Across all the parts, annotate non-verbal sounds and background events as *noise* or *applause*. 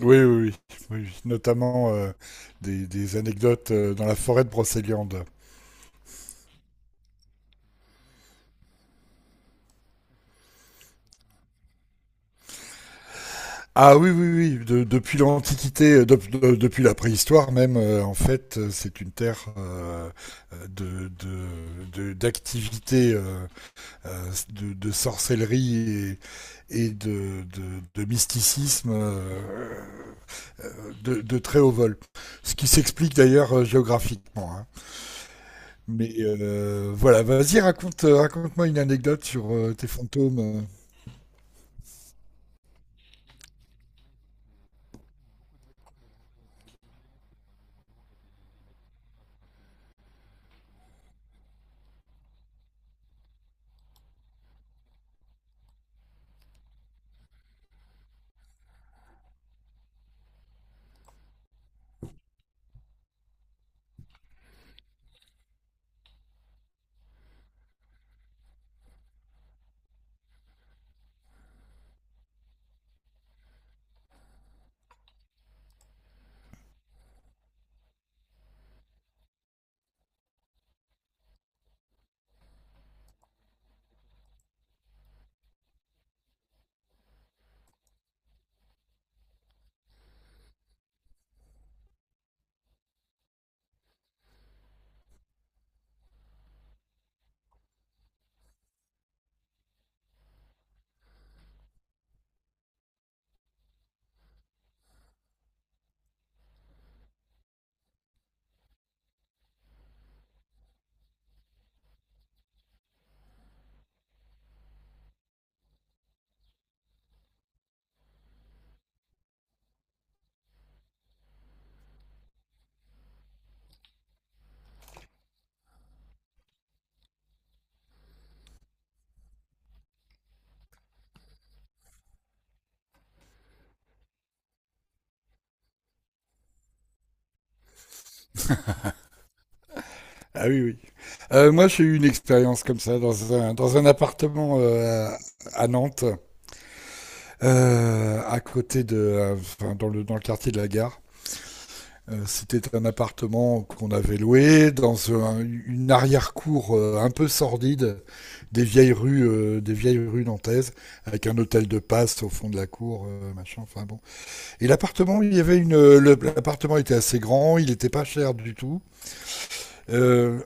Oui, oui, oui. Oui. Oui. Notamment anecdotes dans la forêt de Brocéliande. Ah oui, oui, oui. Depuis l'Antiquité, depuis la préhistoire même, en fait, c'est une terre d'activité, de sorcellerie et, et de mysticisme de très haut vol. Ce qui s'explique d'ailleurs géographiquement, hein. Mais voilà, vas-y, raconte, raconte-moi une anecdote sur tes fantômes. Ah oui, oui. Moi, j'ai eu une expérience comme ça dans un appartement à Nantes, enfin, dans le quartier de la gare. C'était un appartement qu'on avait loué dans une arrière-cour un peu sordide, des vieilles rues nantaises, avec un hôtel de passe au fond de la cour, machin. Enfin bon. Et l'appartement, il y avait une, le- l'appartement était assez grand, il n'était pas cher du tout. Euh,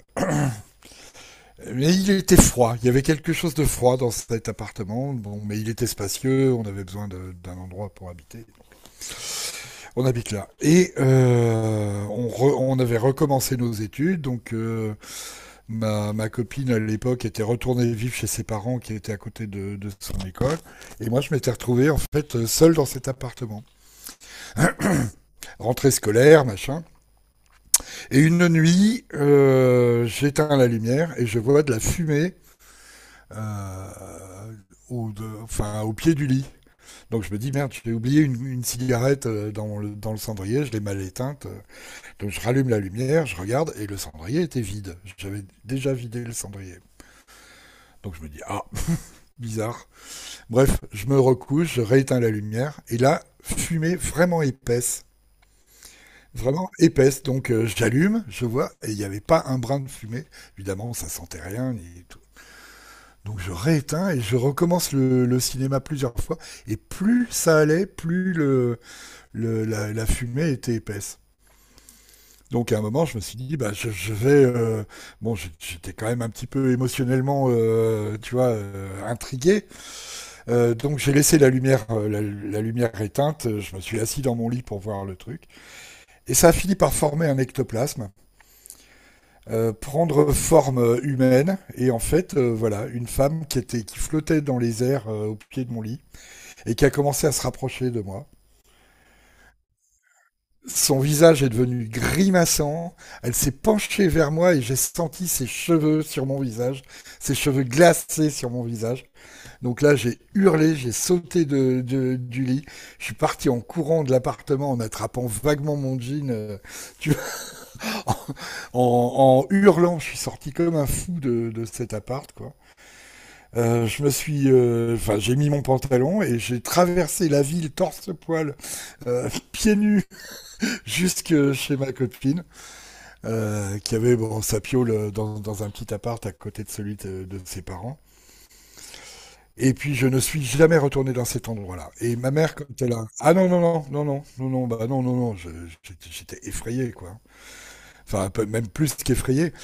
mais il était froid. Il y avait quelque chose de froid dans cet appartement. Bon, mais il était spacieux, on avait besoin d'un endroit pour habiter. On habite là. Et on avait recommencé nos études, donc ma copine à l'époque était retournée vivre chez ses parents qui étaient à côté de son école, et moi je m'étais retrouvé en fait seul dans cet appartement, rentrée scolaire, machin. Et une nuit, j'éteins la lumière et je vois de la fumée euh, enfin, au pied du lit. Donc je me dis, merde, j'ai oublié une cigarette dans le cendrier, je l'ai mal éteinte. Donc je rallume la lumière, je regarde et le cendrier était vide. J'avais déjà vidé le cendrier. Donc je me dis, ah, bizarre. Bref, je me recouche, je rééteins la lumière et là, fumée vraiment épaisse. Vraiment épaisse. Donc j'allume, je vois, et il n'y avait pas un brin de fumée. Évidemment, ça sentait rien ni tout. Donc je rééteins et je recommence le cinéma plusieurs fois. Et plus ça allait, plus la fumée était épaisse. Donc à un moment, je me suis dit, bah, je vais... Bon, j'étais quand même un petit peu émotionnellement, tu vois, intrigué. Donc j'ai laissé la lumière, lumière éteinte. Je me suis assis dans mon lit pour voir le truc. Et ça a fini par former un ectoplasme, prendre forme humaine, et en fait voilà, une femme qui était, qui flottait dans les airs au pied de mon lit et qui a commencé à se rapprocher de moi. Son visage est devenu grimaçant, elle s'est penchée vers moi et j'ai senti ses cheveux sur mon visage, ses cheveux glacés sur mon visage. Donc là, j'ai hurlé, j'ai sauté du lit, je suis parti en courant de l'appartement en attrapant vaguement mon jean, tu vois, en hurlant, je suis sorti comme un fou de cet appart, quoi. Enfin, j'ai mis mon pantalon et j'ai traversé la ville torse-poil, pieds nus, *laughs* jusque chez ma copine, qui avait bon, sa piole dans un petit appart à côté de celui de ses parents. Et puis, je ne suis jamais retourné dans cet endroit-là. Et ma mère, quand elle a... Ah non, non, non, non, non, non, non, bah non, non, non, j'étais j'étais effrayé, quoi. Enfin, même plus qu'effrayé.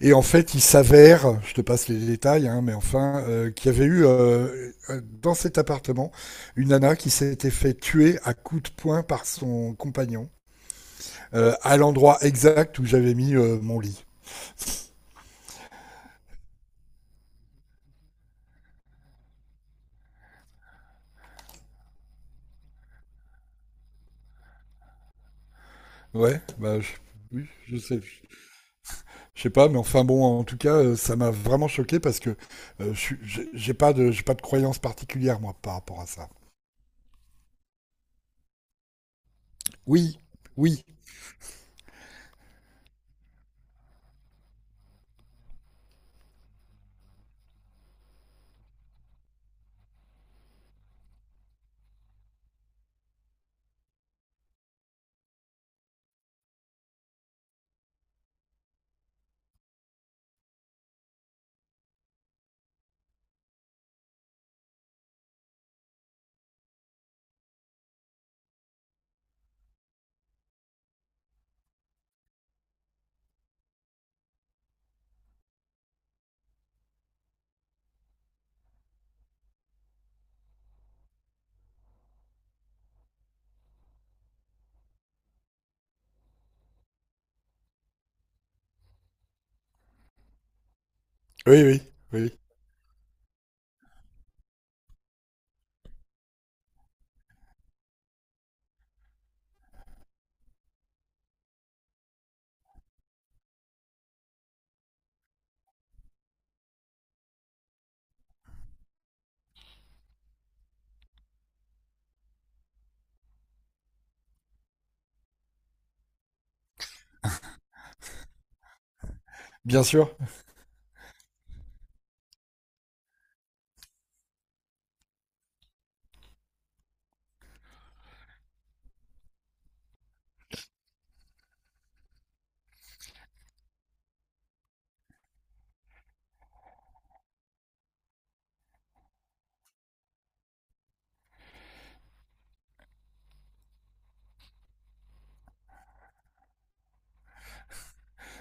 Et en fait, il s'avère, je te passe les détails, hein, mais enfin, qu'il y avait eu dans cet appartement une nana qui s'était fait tuer à coups de poing par son compagnon, à l'endroit exact où j'avais mis mon lit. Ouais, bah oui, je sais pas, mais enfin bon, en tout cas, ça m'a vraiment choqué parce que j'ai j'ai pas de croyance particulière moi par rapport à ça. Oui, oui, oui, oui, oui, bien sûr.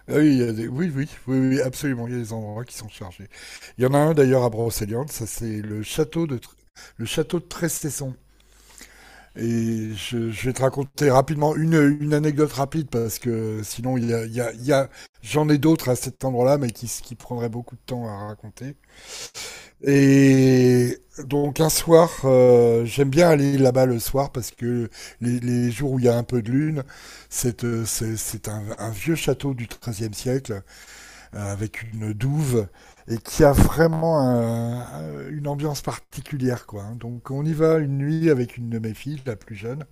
Ah oui, il y a des- oui, oui, oui, oui, absolument, il y a des endroits qui sont chargés. Il y en a un d'ailleurs à Brocéliande, ça c'est le château le château de Trestesson. Et je vais te raconter rapidement une anecdote rapide parce que sinon il y a, il y a, il y a- j'en ai d'autres à cet endroit-là, mais qui prendraient beaucoup de temps à raconter. Et donc un soir, j'aime bien aller là-bas le soir parce que les jours où il y a un peu de lune, c'est un vieux château du XIIIe siècle avec une douve et qui a vraiment une ambiance particulière, quoi, hein. Donc on y va une nuit avec une de mes filles, la plus jeune,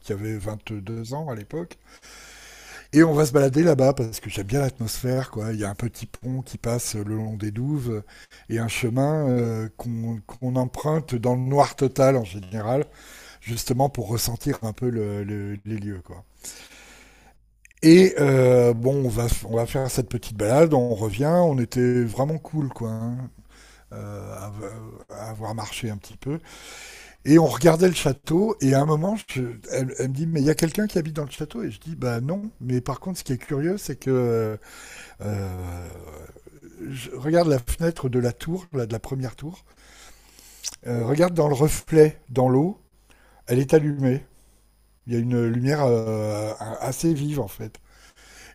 qui avait 22 ans à l'époque, et on va se balader là-bas parce que j'aime bien l'atmosphère, quoi. Il y a un petit pont qui passe le long des douves et un chemin qu'on qu'on emprunte dans le noir total en général, justement pour ressentir un peu les lieux, quoi. Et bon, on va faire cette petite balade, on revient, on était vraiment cool, quoi, hein, à, à avoir marché un petit peu. Et on regardait le château, et à un moment, elle, elle me dit, mais il y a quelqu'un qui habite dans le château. Et je dis, bah non, mais par contre, ce qui est curieux, c'est que... euh, je regarde la fenêtre de la tour, là, de la première tour. Regarde dans le reflet, dans l'eau, elle est allumée. Il y a une lumière assez vive en fait.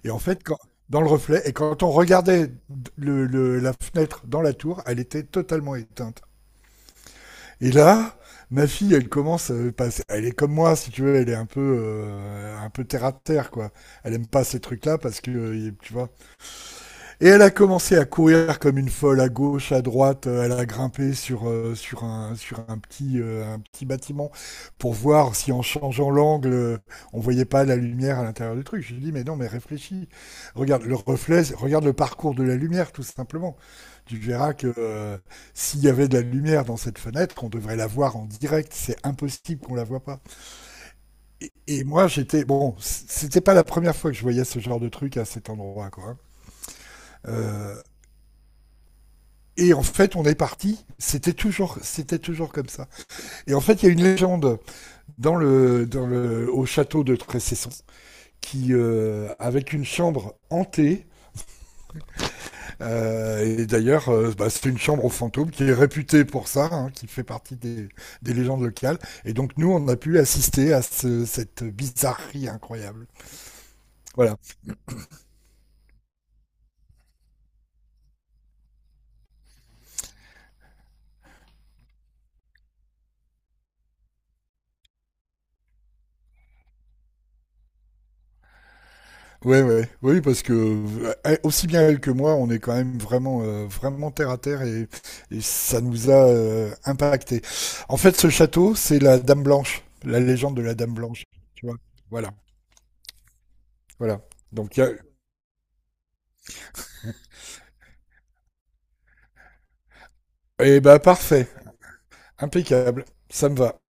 Et en fait, quand, dans le reflet, et quand on regardait la fenêtre dans la tour, elle était totalement éteinte. Et là, ma fille, elle commence, elle est comme moi, si tu veux, elle est un peu terre à terre, quoi. Elle aime pas ces trucs-là parce que, tu vois, et elle a commencé à courir comme une folle à gauche, à droite. Elle a grimpé sur un petit, un petit bâtiment pour voir si en changeant l'angle, on voyait pas la lumière à l'intérieur du truc. Je lui ai dit, mais non, mais réfléchis. Regarde le reflet, regarde le parcours de la lumière, tout simplement. Tu verras que s'il y avait de la lumière dans cette fenêtre, on devrait la voir en direct. C'est impossible qu'on la voit pas. Et moi, j'étais... Bon, c'était pas la première fois que je voyais ce genre de truc à cet endroit, quoi, hein. Euh, Et en fait, on est parti. C'était toujours comme ça. Et en fait, il y a une légende au château de Tressesson qui, avec une chambre hantée, et d'ailleurs, bah, c'est une chambre aux fantômes qui est réputée pour ça, hein, qui fait partie des légendes locales. Et donc, nous, on a pu assister à cette bizarrerie incroyable. Voilà. Ouais, ouais, oui, parce que aussi bien elle que moi, on est quand même vraiment, vraiment terre à terre, et ça nous a impacté. En fait, ce château, c'est la Dame Blanche, la légende de la Dame Blanche, tu vois. Voilà, voilà. Donc, il y a... Eh ben, parfait, impeccable, ça me va.